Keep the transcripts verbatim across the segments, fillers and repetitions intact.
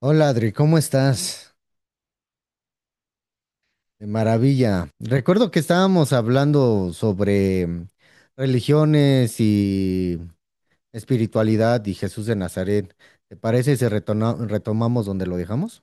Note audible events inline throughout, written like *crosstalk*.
Hola Adri, ¿cómo estás? De maravilla. Recuerdo que estábamos hablando sobre mm, religiones y espiritualidad y Jesús de Nazaret. ¿Te parece si retona- retomamos donde lo dejamos?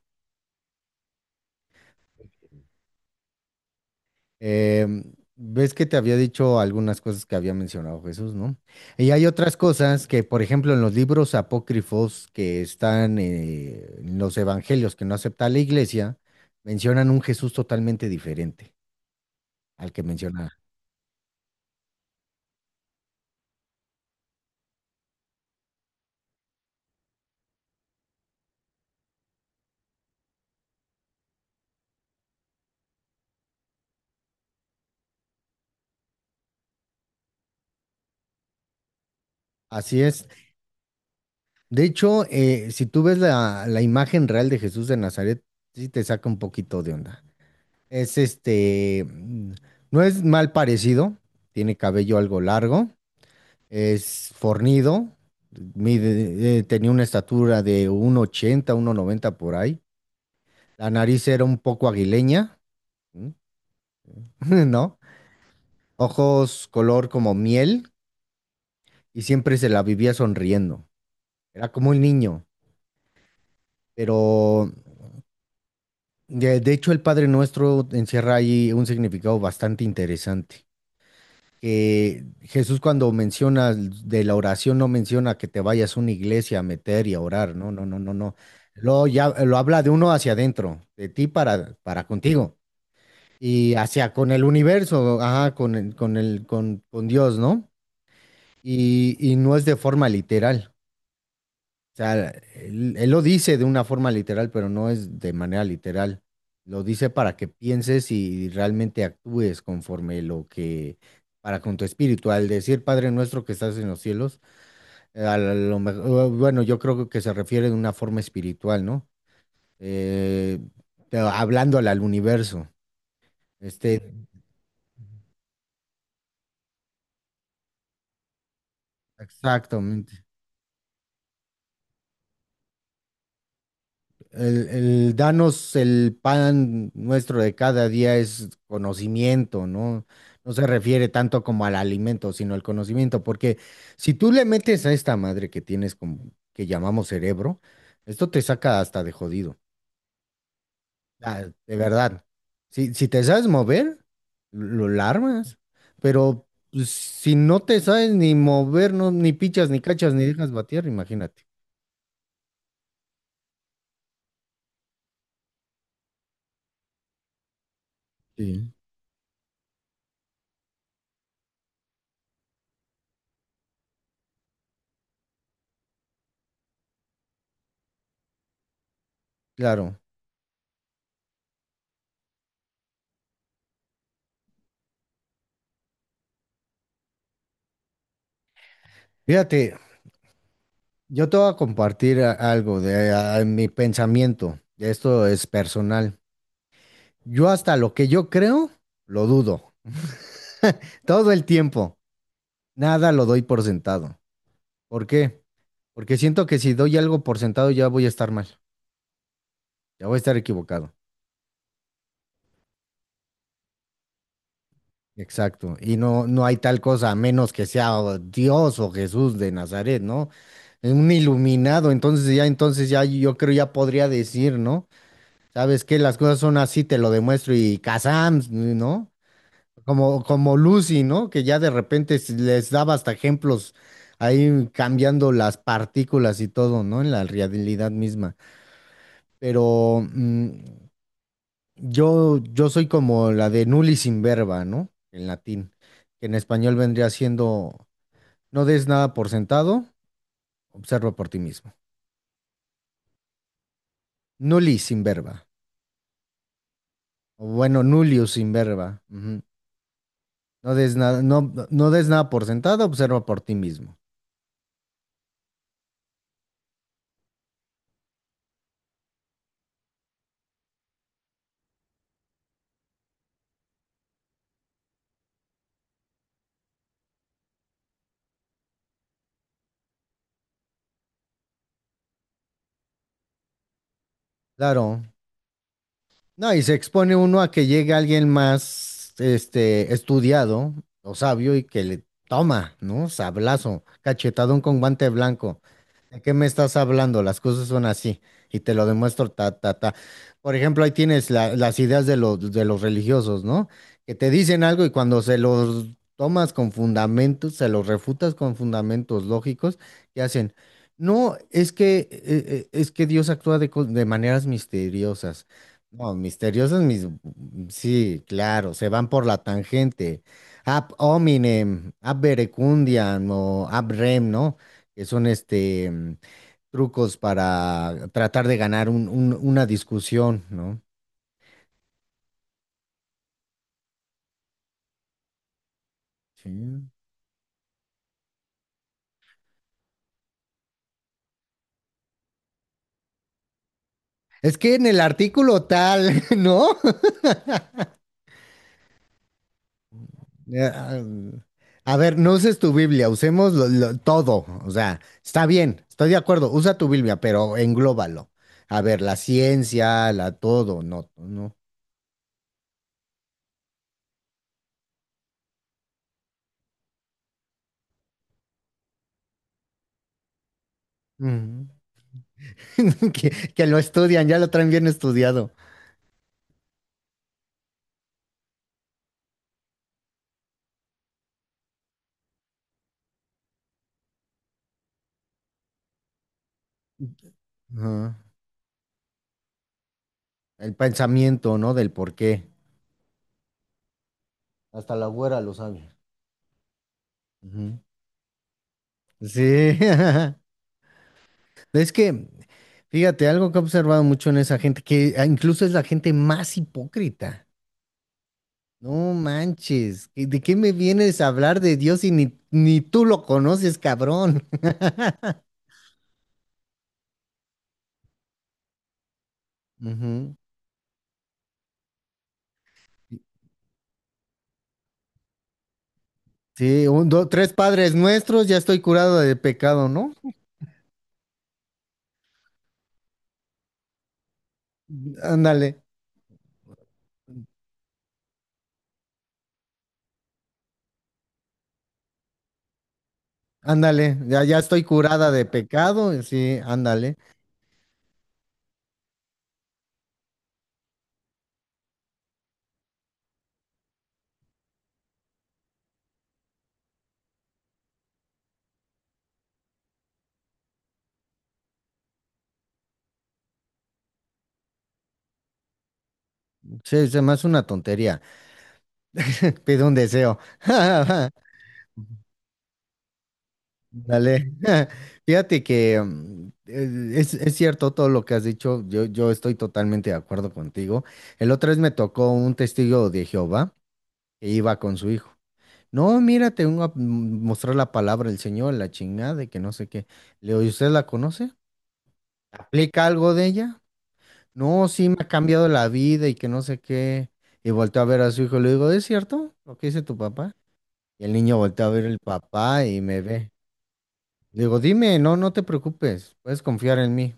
Em, ves que te había dicho algunas cosas que había mencionado Jesús, ¿no? Y hay otras cosas que, por ejemplo, en los libros apócrifos que están eh, en los evangelios que no acepta la iglesia, mencionan un Jesús totalmente diferente al que menciona. Así es. De hecho, eh, si tú ves la, la imagen real de Jesús de Nazaret, sí te saca un poquito de onda. Es este, mm, no es mal parecido, tiene cabello algo largo, es fornido, mide- eh, tenía una estatura de uno ochenta, uno noventa por ahí. La nariz era un poco aguileña, ¿m? *laughs* ¿no? Ojos color como miel y siempre se la vivía sonriendo. Era como un niño, pero De, de hecho, el Padre Nuestro encierra ahí un significado bastante interesante. Que Jesús, cuando menciona de la oración, no menciona que te vayas a una iglesia a meter y a orar, no, no, no, no, no. Lo, ya, lo habla de uno hacia adentro, de ti para, para contigo y hacia con el universo, ajá, con el, con el, con, con Dios, ¿no? Y, y no es de forma literal. O sea, él, él lo dice de una forma literal, pero no es de manera literal. Lo dice para que pienses y realmente actúes conforme lo que, para con tu espíritu. Al decir Padre nuestro que estás en los cielos, eh, a lo mejor, bueno, yo creo que se refiere de una forma espiritual, ¿no? Eh, te- Hablándole al universo. Este, exactamente. El, el danos el pan nuestro de cada día es conocimiento, ¿no? No se refiere tanto como al alimento, sino al conocimiento, porque si tú le metes a esta madre que tienes, como, que llamamos cerebro, esto te saca hasta de jodido. Ah, de verdad. Si, si te sabes mover, lo lo armas, pero pues, si no te sabes ni mover, no, ni pichas, ni cachas, ni dejas batear, imagínate. Sí. Claro. Fíjate, yo te voy a compartir a- algo de a- mi pensamiento. Esto es personal. Yo hasta lo que yo creo, lo dudo. Todo el tiempo. Nada lo doy por sentado. ¿Por qué? Porque siento que si doy algo por sentado ya voy a estar mal. Ya voy a estar equivocado. Exacto. Y no, no hay tal cosa a menos que sea o Dios o Jesús de Nazaret, ¿no? Un iluminado. Entonces ya, entonces ya yo creo ya podría decir, ¿no? ¿Sabes qué? Las cosas son así, te lo demuestro y Kazam, ¿no? Como, como Lucy, ¿no? Que ya de repente s- les daba hasta ejemplos ahí cambiando las partículas y todo, ¿no? En la realidad misma. Pero mm, yo, yo soy como la de nullis sin verba, ¿no? En latín, que en español vendría siendo no des nada por sentado, observa por ti mismo. Nullis sin verba. O bueno, nullius sin verba. Ujú. No des nada, no, no des nada por sentado, observa por ti mismo. Claro. No, y se expone uno a que llegue alguien más, este, estudiado o sabio y que le toma, ¿no? Sablazo, cachetadón con guante blanco. ¿De qué me estás hablando? Las cosas son así y te lo demuestro, ta, ta, ta. Por ejemplo, ahí tienes la- las ideas de los, de los religiosos, ¿no? Que te dicen algo y cuando se los tomas con fundamentos, se los refutas con fundamentos lógicos, ¿qué hacen? No, es que, eh, eh, es que Dios actúa de co- de maneras misteriosas. No, misteriosos mis... Sí, claro, se van por la tangente. Ab hominem, ab verecundiam o ab rem, ¿no? Que son este mm, trucos para tratar de ganar un- un- una discusión, ¿no? Sí. Es que en el artículo tal, *laughs* ¿no? Eh, Ah, A ver, no uses tu Biblia, usemos lo- lo- todo. O sea, está bien, estoy de acuerdo, usa tu Biblia, pero englóbalo. A ver, la ciencia, la todo, no, no. Ujú. *laughs* Que, que lo estudian, ya lo traen bien estudiado. Ajá. El pensamiento, ¿no? Del por qué. Hasta la güera lo sabe. Ujú. Sí. *laughs* Es que, fíjate, algo que he observado mucho en esa gente, que ah, incluso es la gente más hipócrita. No manches, ¿y de qué me vienes a hablar de Dios si ni, ni tú lo conoces, cabrón? *laughs* Ujú. Sí, un, dos, tres padres nuestros, ya estoy curado de pecado, ¿no? Ándale. Ándale, ya, ya estoy curada de pecado, y sí, ándale. Sí, se me hace una tontería. *laughs* Pide un deseo. *laughs* Dale. *laughs* Fíjate que mm, eh, es, es cierto todo lo que has dicho. Yo, yo estoy totalmente de acuerdo contigo. El otro vez me tocó un testigo de Jehová que iba con su hijo. No, mira, te vengo a mm, mostrar la palabra del Señor, la chingada, y que no sé qué. Le digo, ¿y usted la conoce? ¿Aplica algo de ella? No, sí me ha cambiado la vida y que no sé qué. Y volteó a ver a su hijo, le digo, ¿es cierto lo que dice tu papá? Y el niño volteó a ver el papá y me ve. Le digo, dime, no, no te preocupes, puedes confiar en mí.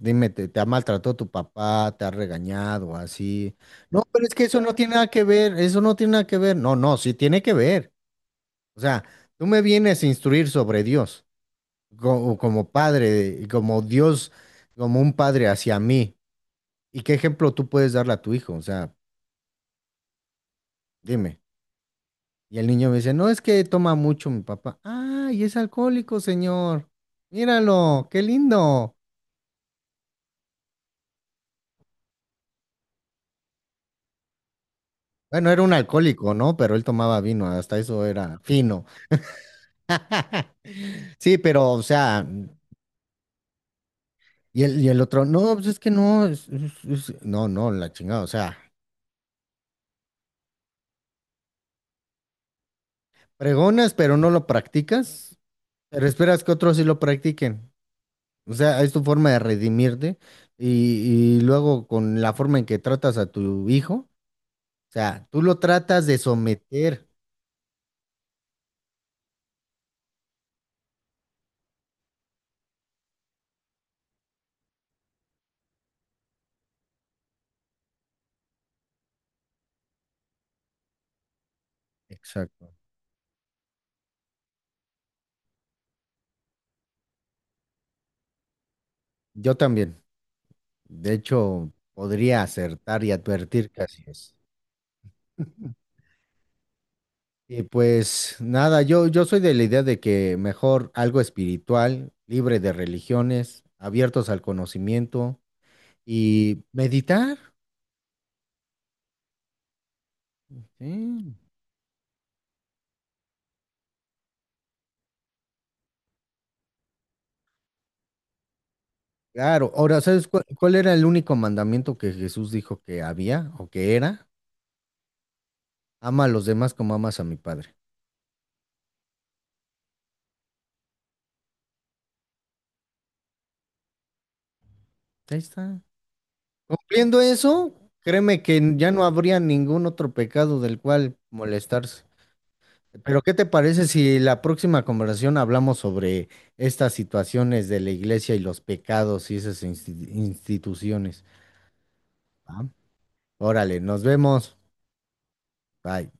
Dime, ¿te, te ha maltratado tu papá? ¿Te ha regañado así? No, pero es que eso no tiene nada que ver, eso no tiene nada que ver. No, no, sí tiene que ver. O sea, tú me vienes a instruir sobre Dios, como, como padre, como Dios, como un padre hacia mí. ¿Y qué ejemplo tú puedes darle a tu hijo? O sea, dime. Y el niño me dice, no, es que toma mucho mi papá. Ah, y es alcohólico, señor. Míralo, qué lindo. Bueno, era un alcohólico, ¿no? Pero él tomaba vino, hasta eso era fino. *laughs* Sí, pero, o sea, y el, y el otro, no, pues es que no, es- es- es- no, no, la chingada, o sea, pregonas, pero no lo practicas, pero esperas que otros sí lo practiquen. O sea, es tu forma de redimirte y, y luego con la forma en que tratas a tu hijo. Sea, tú lo tratas de someter. Exacto. Yo también. De hecho, podría acertar y advertir que así es. Y pues nada, yo, yo soy de la idea de que mejor algo espiritual, libre de religiones, abiertos al conocimiento y meditar. Sí. Claro, ahora, ¿sabes cuál, cuál era el único mandamiento que Jesús dijo que había o que era? Ama a los demás como amas a mi Padre. Ahí está. Cumpliendo eso, créeme que ya no habría ningún otro pecado del cual molestarse. Pero ¿qué te parece si la próxima conversación hablamos sobre estas situaciones de la iglesia y los pecados y esas insti- instituciones? ¿Va? Órale, nos vemos. Bye.